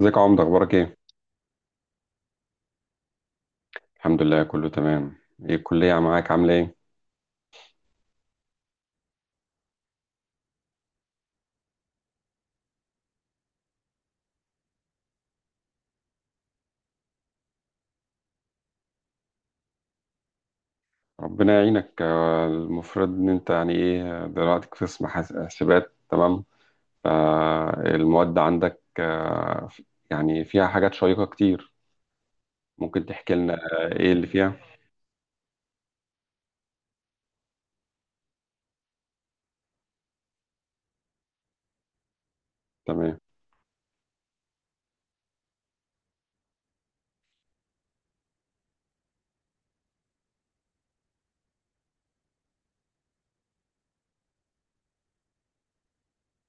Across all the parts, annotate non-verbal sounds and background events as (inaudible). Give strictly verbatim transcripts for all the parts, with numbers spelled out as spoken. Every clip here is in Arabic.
ازيك يا عمده، اخبارك ايه؟ الحمد لله، كله تمام. ايه الكليه معاك، عامله ايه؟ ربنا يعينك. آه، المفروض ان انت يعني ايه دلوقتي في قسم حاس- حاسبات، تمام. فالمواد عندك، آه، يعني فيها حاجات شيقه كتير. ممكن تحكي لنا آه، ايه اللي فيها؟ تمام.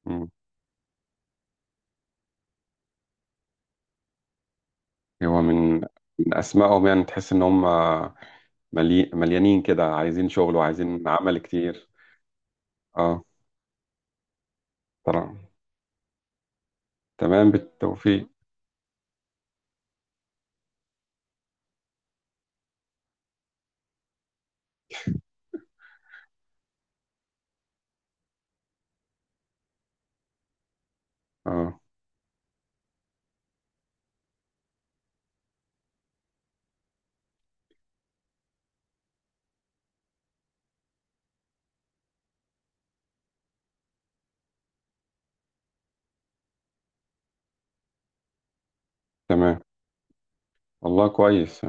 مم. هو من من اسمائهم يعني تحس ان هم ملي... مليانين كده، عايزين شغل وعايزين عمل كتير. اه طبعا. تمام، بالتوفيق. اه تمام، والله كويس.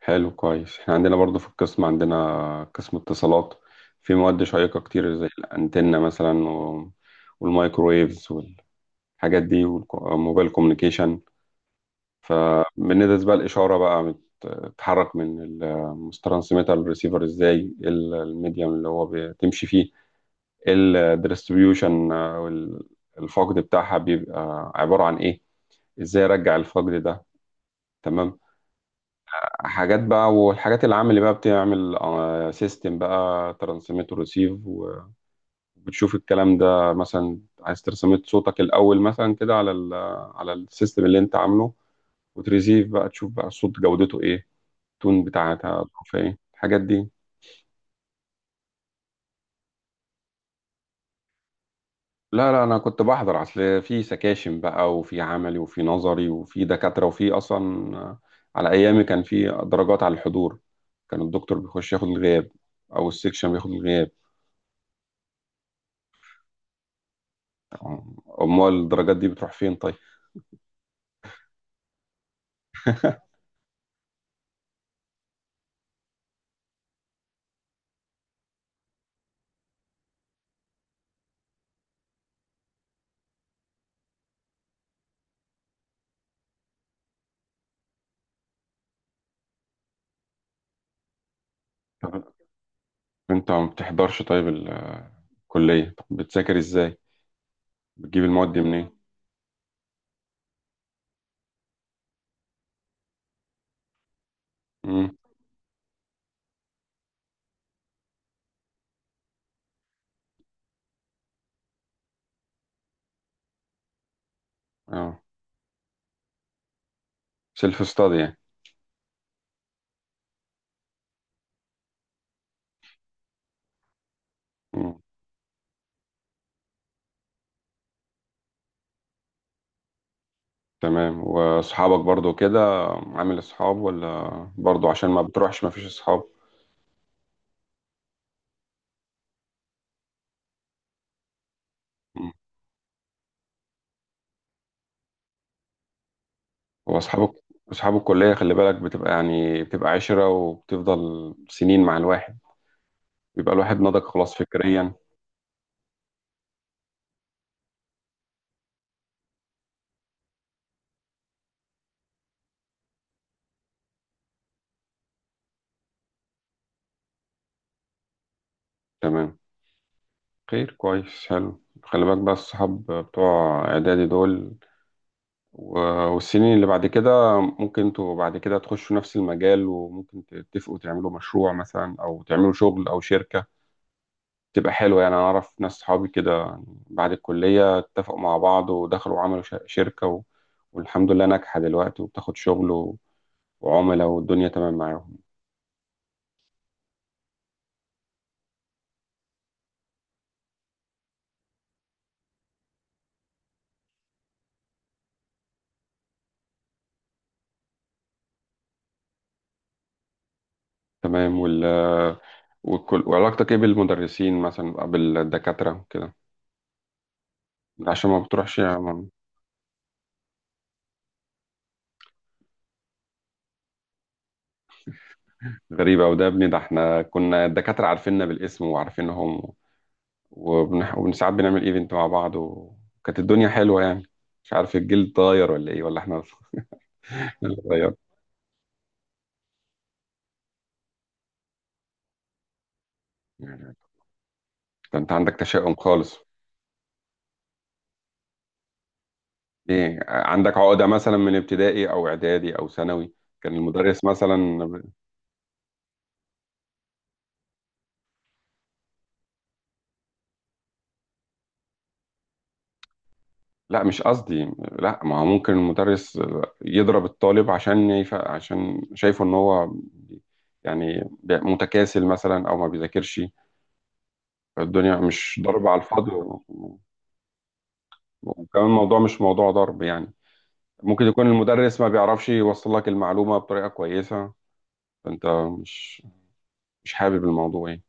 حلو، كويس. احنا عندنا برضو في القسم، عندنا قسم اتصالات، في مواد شيقة كتير زي الأنتنة مثلا و- والمايكرويفز والحاجات دي والموبايل كوميونيكيشن. فبندرس بقى الإشارة، بقى بتتحرك من الترانسميتر للريسيفر ازاي، إيه ال- الميديم اللي هو بتمشي فيه، إيه الديستريبيوشن، الفقد بتاعها بيبقى عبارة عن ايه، ازاي ارجع الفقد ده. تمام. حاجات بقى، والحاجات العام اللي بقى بتعمل سيستم بقى ترانسميت وريسيف، وبتشوف الكلام ده. مثلا عايز ترسميت صوتك الأول مثلا كده على ال على السيستم اللي انت عامله، وتريسيف بقى تشوف بقى الصوت جودته ايه، التون بتاعتها ظروفها ايه، الحاجات دي. لا لا، انا كنت بحضر، اصل في سكاشن بقى وفي عملي وفي نظري وفي دكاترة وفي اصلا، آه، على ايامي كان في درجات على الحضور. كان الدكتور بيخش ياخد الغياب او السكشن بياخد الغياب. امال الدرجات دي بتروح فين طيب؟ (laughs) طب انت ما بتحضرش، طيب الكلية طب بتذاكر ازاي؟ بتجيب المواد دي منين؟ امم. اه، سيلف ستادي يعني. مم. تمام، واصحابك برضو كده؟ عامل اصحاب ولا برضو عشان ما بتروحش ما فيش اصحاب؟ مم. هو اصحابك، اصحاب الكلية، خلي بالك، بتبقى يعني بتبقى عشرة وبتفضل سنين مع الواحد، بيبقى الواحد نضج خلاص فكريا. تمام، خير كويس، حلو. خلي بالك بقى، الصحاب بتوع اعدادي دول و- والسنين اللي بعد كده، ممكن انتوا بعد كده تخشوا نفس المجال، وممكن تتفقوا تعملوا مشروع مثلا او تعملوا شغل او شركة تبقى حلوة. يعني انا اعرف ناس، صحابي كده يعني بعد الكلية اتفقوا مع بعض ودخلوا وعملوا ش- شركة و... والحمد لله ناجحة دلوقتي، وبتاخد شغل و... وعملاء، والدنيا تمام معاهم. تمام. وال... وكل... وعلاقتك ايه بالمدرسين مثلا أو بالدكاترة كده؟ عشان ما بتروحش يعني. غريبة، وده يا ابني، ده احنا كنا الدكاترة عارفيننا بالاسم وعارفينهم، وبنح... وساعات بنعمل ايفنت مع بعض، وكانت الدنيا حلوه يعني. مش عارف الجيل اتغير ولا ايه، ولا احنا (laughs) اللي اتغيرنا يعني. ده انت عندك تشاؤم خالص. ايه، عندك عقده مثلا من ابتدائي او اعدادي او ثانوي؟ كان المدرس مثلا؟ لا مش قصدي. لا ما هو ممكن المدرس يضرب الطالب، عشان يف... عشان شايفه ان هو يعني متكاسل مثلا او ما بيذاكرش. الدنيا مش ضرب على الفاضي، وكمان الموضوع مش موضوع ضرب يعني. ممكن يكون المدرس ما بيعرفش يوصل لك المعلومة بطريقة كويسة، فأنت مش مش حابب الموضوع يعني.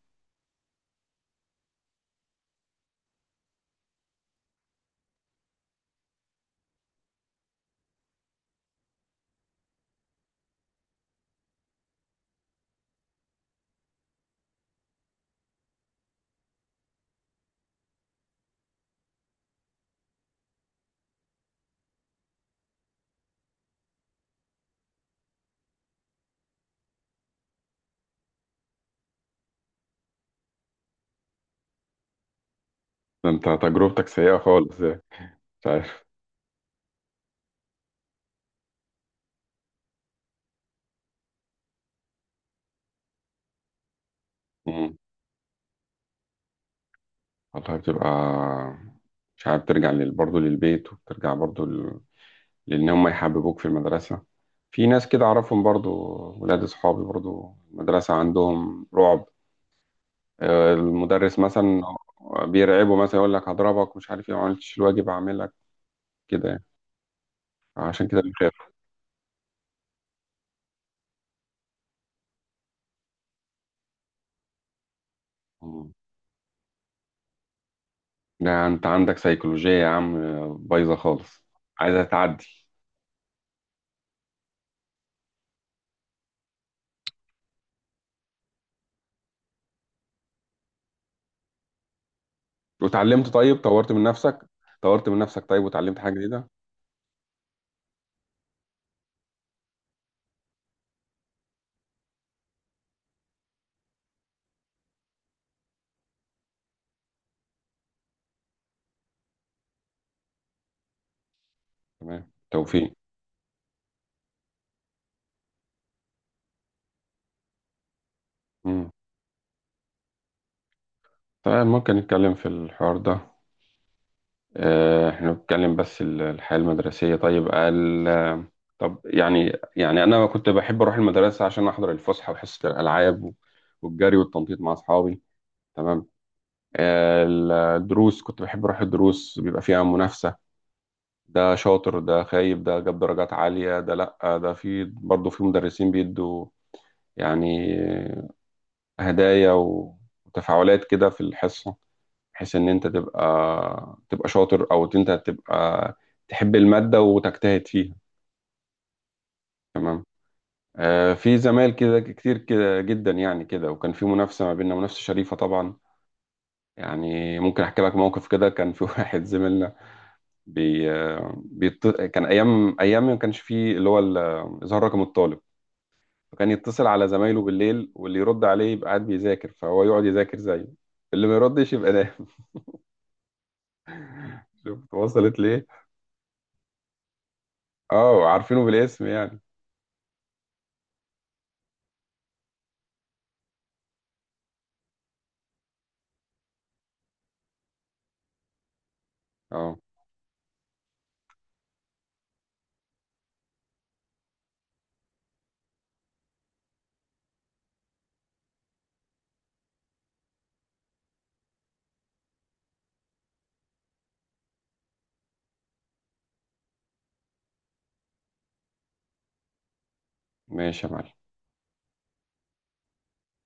فأنت تجربتك سيئة خالص يعني. مش عارف. مم. والله بتبقى مش عارف ترجع لل... برضه للبيت، وبترجع برضه ل... لأن هم يحببوك في المدرسة. في ناس كده أعرفهم، برضه ولاد أصحابي، برضه المدرسة عندهم رعب. آه، المدرس مثلا بيرعبه، مثلا يقول لك هضربك، مش عارف ايه، ما عملتش الواجب هعمل لك كده يعني. عشان كده بيخاف. ده انت عندك سيكولوجية يا عم، بايظة خالص، عايزة تعدي. وتعلمت طيب؟ طورت من نفسك طورت من نفسك طيب وتعلمت حاجة جديدة؟ تمام، توفيق. مم. طيب، ممكن نتكلم في الحوار ده. آه، احنا بنتكلم بس ال- الحياة المدرسية. طيب ال... طب يعني يعني انا كنت بحب اروح المدرسة عشان احضر الفسحة وحصة الالعاب و- والجري والتنطيط مع اصحابي. تمام. آه، الدروس كنت بحب اروح الدروس، بيبقى فيها منافسة. ده شاطر، ده خايب، ده جاب درجات عالية، ده لأ، ده في برضه، في مدرسين بيدوا يعني هدايا وتفاعلات كده في الحصة، بحيث إن أنت تبقى تبقى شاطر، أو أنت تبقى تحب المادة وتجتهد فيها. تمام. آه في زمايل كده كتير كده جدا يعني كده، وكان في منافسة ما بيننا، منافسة شريفة طبعا. يعني ممكن أحكي لك موقف، كده كان في (laughs) واحد زميلنا، بي آه، بيط... كان أيام أيام ما كانش فيه اللي هو ال- إظهار رقم الطالب، فكان يتصل على زمايله بالليل، واللي يرد عليه يبقى قاعد بيذاكر، فهو يقعد يذاكر زيه، اللي ما يردش يبقى نايم. (laughs) شفت وصلت ليه؟ اه، عارفينه بالاسم يعني. اه، ماشي يا معلم.